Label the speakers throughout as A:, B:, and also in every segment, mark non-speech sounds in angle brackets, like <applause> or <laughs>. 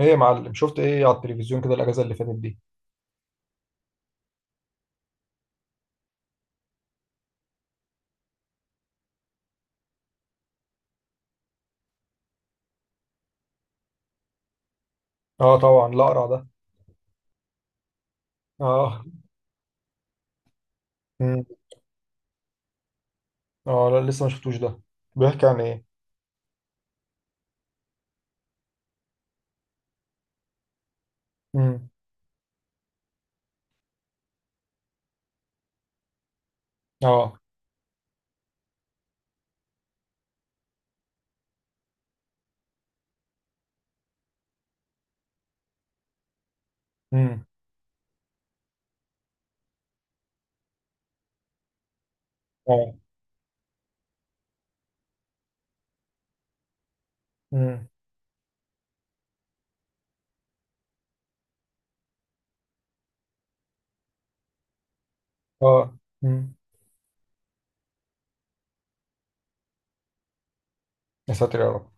A: ايه يا معلم، شفت ايه على التلفزيون كده الاجازه اللي فاتت دي؟ اه طبعا الاقرع ده. اه. امم. اه لا، لسه ما شفتوش ده. بيحكي عن ايه؟ امم. اه. امم. اه. امم. اه. امم. يا ساتر يا رب.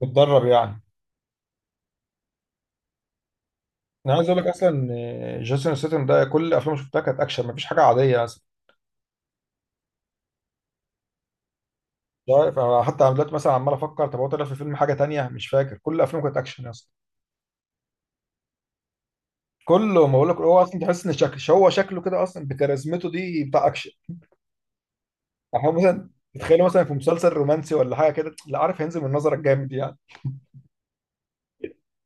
A: بتدرب يعني؟ انا عايز اقول لك اصلا إن جيسون ستاثام ده كل افلامه شفتها كانت اكشن، مفيش حاجه عاديه اصلا. مش عارف، انا حتى أنا دلوقتي مثلا عمال افكر طب هو طلع في فيلم حاجه تانية، مش فاكر. كل افلامه كانت اكشن اصلا. كله، ما اقول لك، هو اصلا تحس ان شكل هو شكله كده اصلا بكاريزمته دي بتاع اكشن. احنا مثلا تتخيلوا مثلا في مسلسل رومانسي ولا حاجه كده، لا عارف هينزل من نظرك جامد يعني.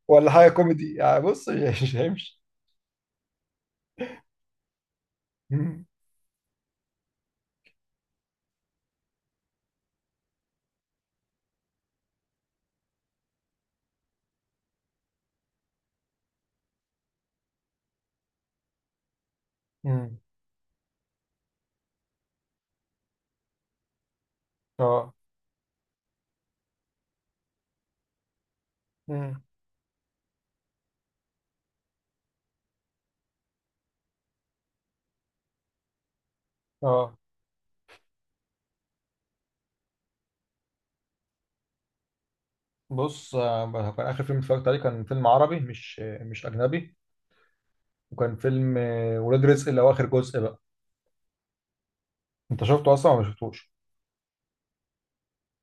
A: ولا حاجه كوميدي يعني، بص مش هيمشي. <laughs> مم. مم. اه. مم. اه. بص، كان اخر فيلم اتفرجت عليه كان فيلم عربي، مش مش اجنبي. وكان فيلم ولاد رزق اللي هو اخر جزء بقى. انت شفته اصلا ولا ما شفتوش؟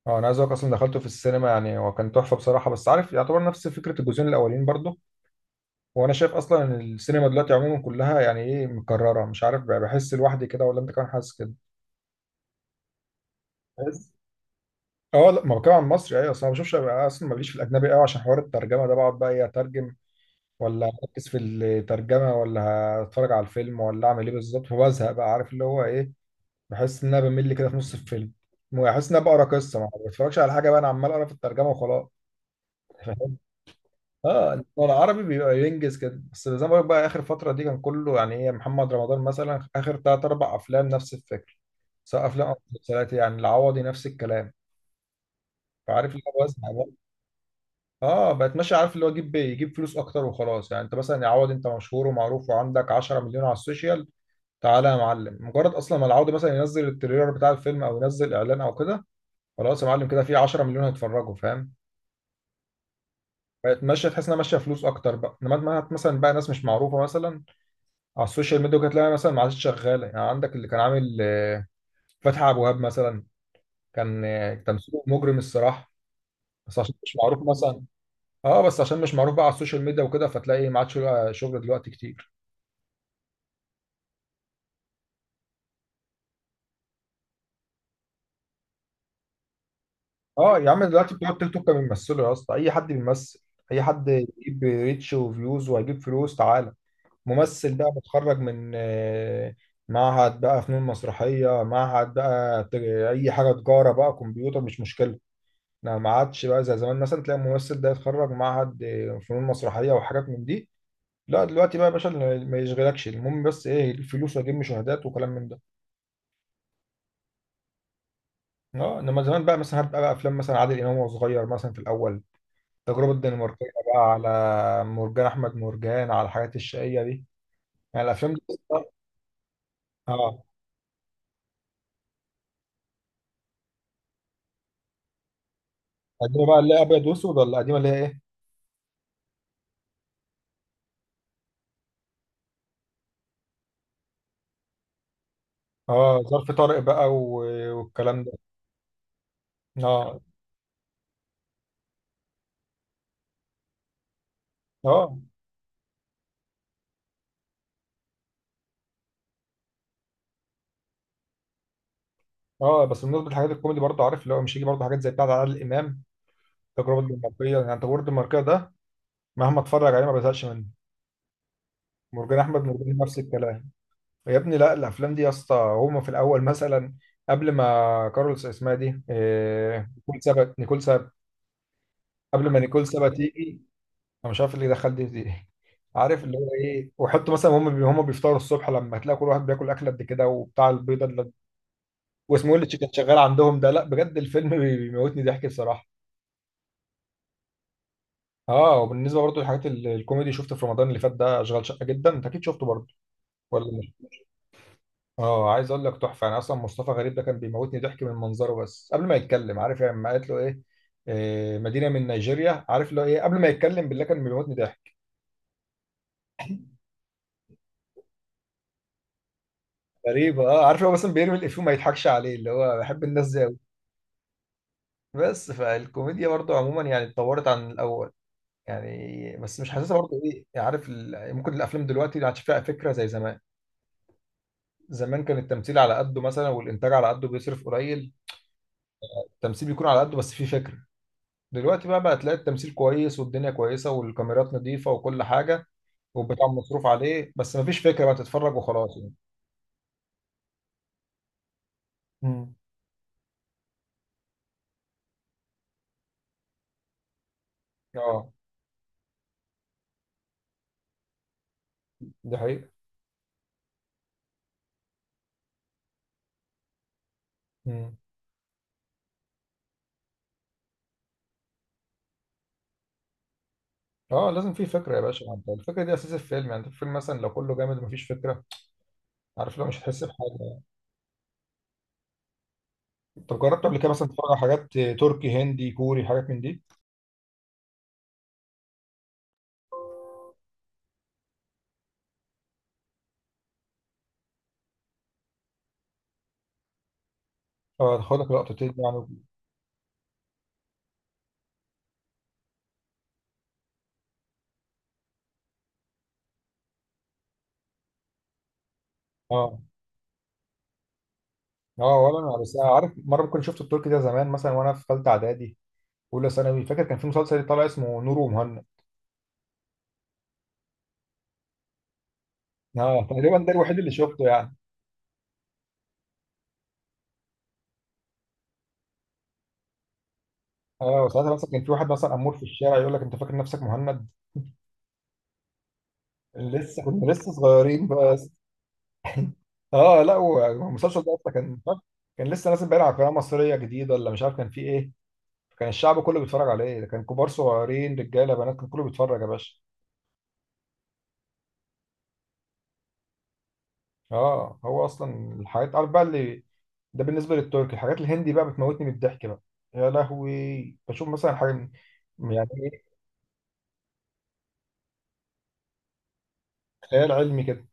A: اه انا عايز اقولك اصلا دخلته في السينما يعني، وكان تحفه بصراحه، بس عارف يعتبر نفس فكره الجزئين الاولين برضه. وانا شايف اصلا ان السينما دلوقتي عموما كلها يعني ايه مكرره، مش عارف بقى، بحس لوحدي كده ولا انت كمان حاسس كده؟ بحس. اه لا، ما بتكلم عن مصري، ايوه. اصل انا ما بشوفش اصلا، ماليش في الاجنبي قوي، عشان حوار الترجمه ده بقعد بقى ايه، اترجم ولا اركز في الترجمه ولا هتفرج على الفيلم ولا اعمل ايه بالظبط؟ فبزهق بقى، عارف اللي هو ايه. بحس ان انا بمل كده في نص الفيلم. بحس ان انا بقرا قصه، ما بتفرجش على حاجه بقى، انا عمال اقرا في الترجمه وخلاص. <laughs> فاهم؟ اه إنما العربي بيبقى ينجز كده، بس زي ما بقول لك بقى اخر فتره دي كان كله يعني ايه، محمد رمضان مثلا اخر ثلاث اربع افلام نفس الفكر، سواء افلام او مسلسلات. يعني العوضي نفس الكلام، فعارف اللي هو بزهق. اه بقت ماشيه، عارف اللي هو يجيب فلوس اكتر وخلاص. يعني انت مثلا يا عوض، انت مشهور ومعروف وعندك 10 مليون على السوشيال، تعالى يا معلم، مجرد اصلا ما العوض مثلا ينزل التريلر بتاع الفيلم او ينزل اعلان او كده، خلاص يا معلم، كده في 10 مليون هيتفرجوا، فاهم. بقت ماشيه، تحس انها ماشيه فلوس اكتر بقى، انما مثلا بقى ناس مش معروفه مثلا على السوشيال ميديا، كانت تلاقي مثلا ما عادش شغاله. يعني عندك اللي كان عامل فتحي عبد الوهاب مثلا، كان تمثيله مجرم الصراحه، بس عشان مش معروف مثلا. اه بس عشان مش معروف بقى على السوشيال ميديا وكده، فتلاقي ما عادش له شغل دلوقتي كتير. اه يا عم دلوقتي بتوع التيك توك بيمثلوا، يا اسطى اي حد بيمثل، اي حد يجيب ريتش وفيوز وهيجيب فلوس، تعالى ممثل بقى متخرج من معهد بقى فنون مسرحية، معهد بقى اي حاجة، تجارة بقى، كمبيوتر، مش مشكلة. لا، ما عادش بقى زي زمان، مثلا تلاقي الممثل ده يتخرج معهد فنون مسرحية وحاجات من دي. لا دلوقتي بقى يا باشا، اللي ما يشغلكش، المهم بس ايه، الفلوس واجيب مشاهدات وكلام من ده. اه انما زمان بقى، مثلا هتبقى بقى افلام مثلا عادل امام وهو صغير مثلا في الاول، التجربة الدنماركية، بقى على مرجان أحمد مرجان، على الحاجات الشقية دي، يعني الأفلام دي. اه القديمة بقى اللي هي أبيض وأسود، ولا القديمة اللي هي إيه؟ اه ظرف طارق بقى والكلام ده. اه. اه. اه بس بالنسبة للحاجات الكوميدي برضه، عارف اللي هو مش هيجي برضه حاجات زي بتاعة عادل إمام، التجربة الدنماركية. يعني التجربة الدنماركية ده مهما اتفرج عليه ما بزهقش منه. مرجان أحمد مرجان نفس الكلام. يا ابني، لا الأفلام دي يا اسطى، هما في الأول مثلا قبل ما كارلوس اسمها دي إيه، نيكول سابت، نيكول سابت، قبل ما نيكول سابا تيجي، انا مش عارف اللي دخل دي عارف اللي هو ايه، وحط مثلا هم بيفطروا الصبح، لما هتلاقي كل واحد بياكل اكله قد كده وبتاع البيضه اللي واسمه إيه اللي كان شغال عندهم ده، لا بجد الفيلم بيموتني ضحك بصراحه. اه وبالنسبه برضو للحاجات الكوميدي، شفته في رمضان اللي فات ده اشغال شقه جدا، انت اكيد شفته برضو ولا مش؟ اه عايز اقول لك تحفه. انا اصلا مصطفى غريب ده كان بيموتني ضحك من منظره بس قبل ما يتكلم، عارف يعني لما قالت له ايه، مدينه من نيجيريا، عارف اللي هو ايه، قبل ما يتكلم بالله كان بيموتني ضحك. غريبة. اه عارف هو مثلا بيرمي الإفيه وما يضحكش عليه، اللي هو بحب الناس دي أوي. بس فالكوميديا برضو عموما يعني اتطورت عن الأول يعني، بس مش حاسسها برضو إيه يعني، عارف ال... ممكن الأفلام دلوقتي ما عادش فيها فكرة زي زمان. زمان كان التمثيل على قده مثلا، والإنتاج على قده بيصرف قليل، التمثيل بيكون على قده، بس فيه فكرة. دلوقتي بقى تلاقي التمثيل كويس والدنيا كويسة والكاميرات نظيفة وكل حاجة والبتاع مصروف عليه، بس مفيش فكرة بقى، تتفرج وخلاص يعني. مم. اه دي حقيقة. اه لازم في فكره يا باشا، انت الفكره دي اساس الفيلم، يعني انت الفيلم مثلا لو كله جامد ومفيش فكره، عارف لو مش هتحس بحاجه يعني. طب جربت قبل كده مثلا تتفرج على حاجات تركي، هندي، كوري، حاجات من دي؟ اه هتاخدك لقطتين يعني. اه. اه ولا انا بس. أنا عارف مره كنت شفت التركي ده زمان مثلا وانا في ثالثه اعدادي، اولى ثانوي، فاكر كان في مسلسل طالع اسمه نور ومهند. اه تقريبا ده الوحيد اللي شفته يعني. اه ساعتها مثلا كان في واحد مثلا امور في الشارع يقول لك انت فاكر نفسك مهند. لسه كنا لسه صغيرين بقى. اه لا والمسلسل ده اصلا كان، كان لسه نازل باين على قناه مصريه جديده ولا مش عارف كان فيه ايه، كان الشعب كله بيتفرج عليه. كان كبار صغيرين رجاله بنات، كان كله بيتفرج يا باشا. اه هو اصلا الحاجات عارف بقى اللي ده بالنسبه للتركي. الحاجات الهندي بقى بتموتني من الضحك بقى. يا لهوي بشوف مثلا حاجه، يعني ايه، خيال علمي كده.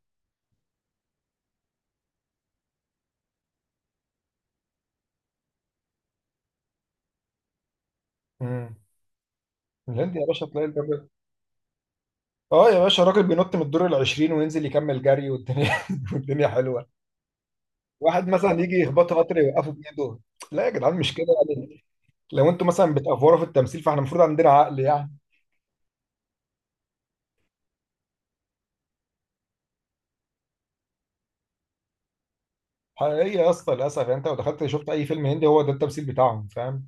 A: امم. الهندي يا باشا تلاقي الراجل، اه يا باشا الراجل بينط من الدور ال 20 وينزل يكمل جري، والدنيا <laughs> والدنيا حلوه. واحد مثلا يجي يخبطه قطر يوقفه بايده. لا يا جدعان، مش كده يعني. لو انتوا مثلا بتأفوروا في التمثيل، فاحنا المفروض عندنا عقل يعني. حقيقية يا اسطى، للاسف يعني، انت لو دخلت شفت اي فيلم هندي هو ده التمثيل بتاعهم فاهم.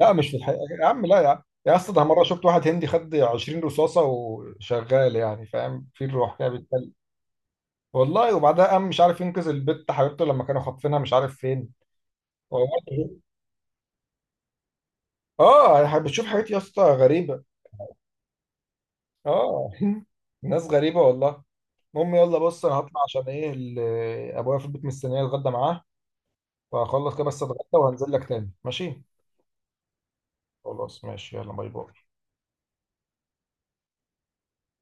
A: لا مش في الحقيقة يا عم، لا يا عم يا اسطى، ده مره شفت واحد هندي خد 20 رصاصه وشغال، يعني فاهم في الروح كده بيتكلم. والله. وبعدها قام مش عارف ينقذ البت حبيبته لما كانوا خاطفينها مش عارف فين. والله. اه بتشوف حاجات يا اسطى غريبه. اه. <laughs> ناس غريبه والله. المهم، يلا بص انا هطلع عشان ايه ابويا في البيت مستنيه الغدا معاه، فهخلص كده بس اتغدى وهنزل لك تاني ماشي. خلاص ماشي يلا، باي باي.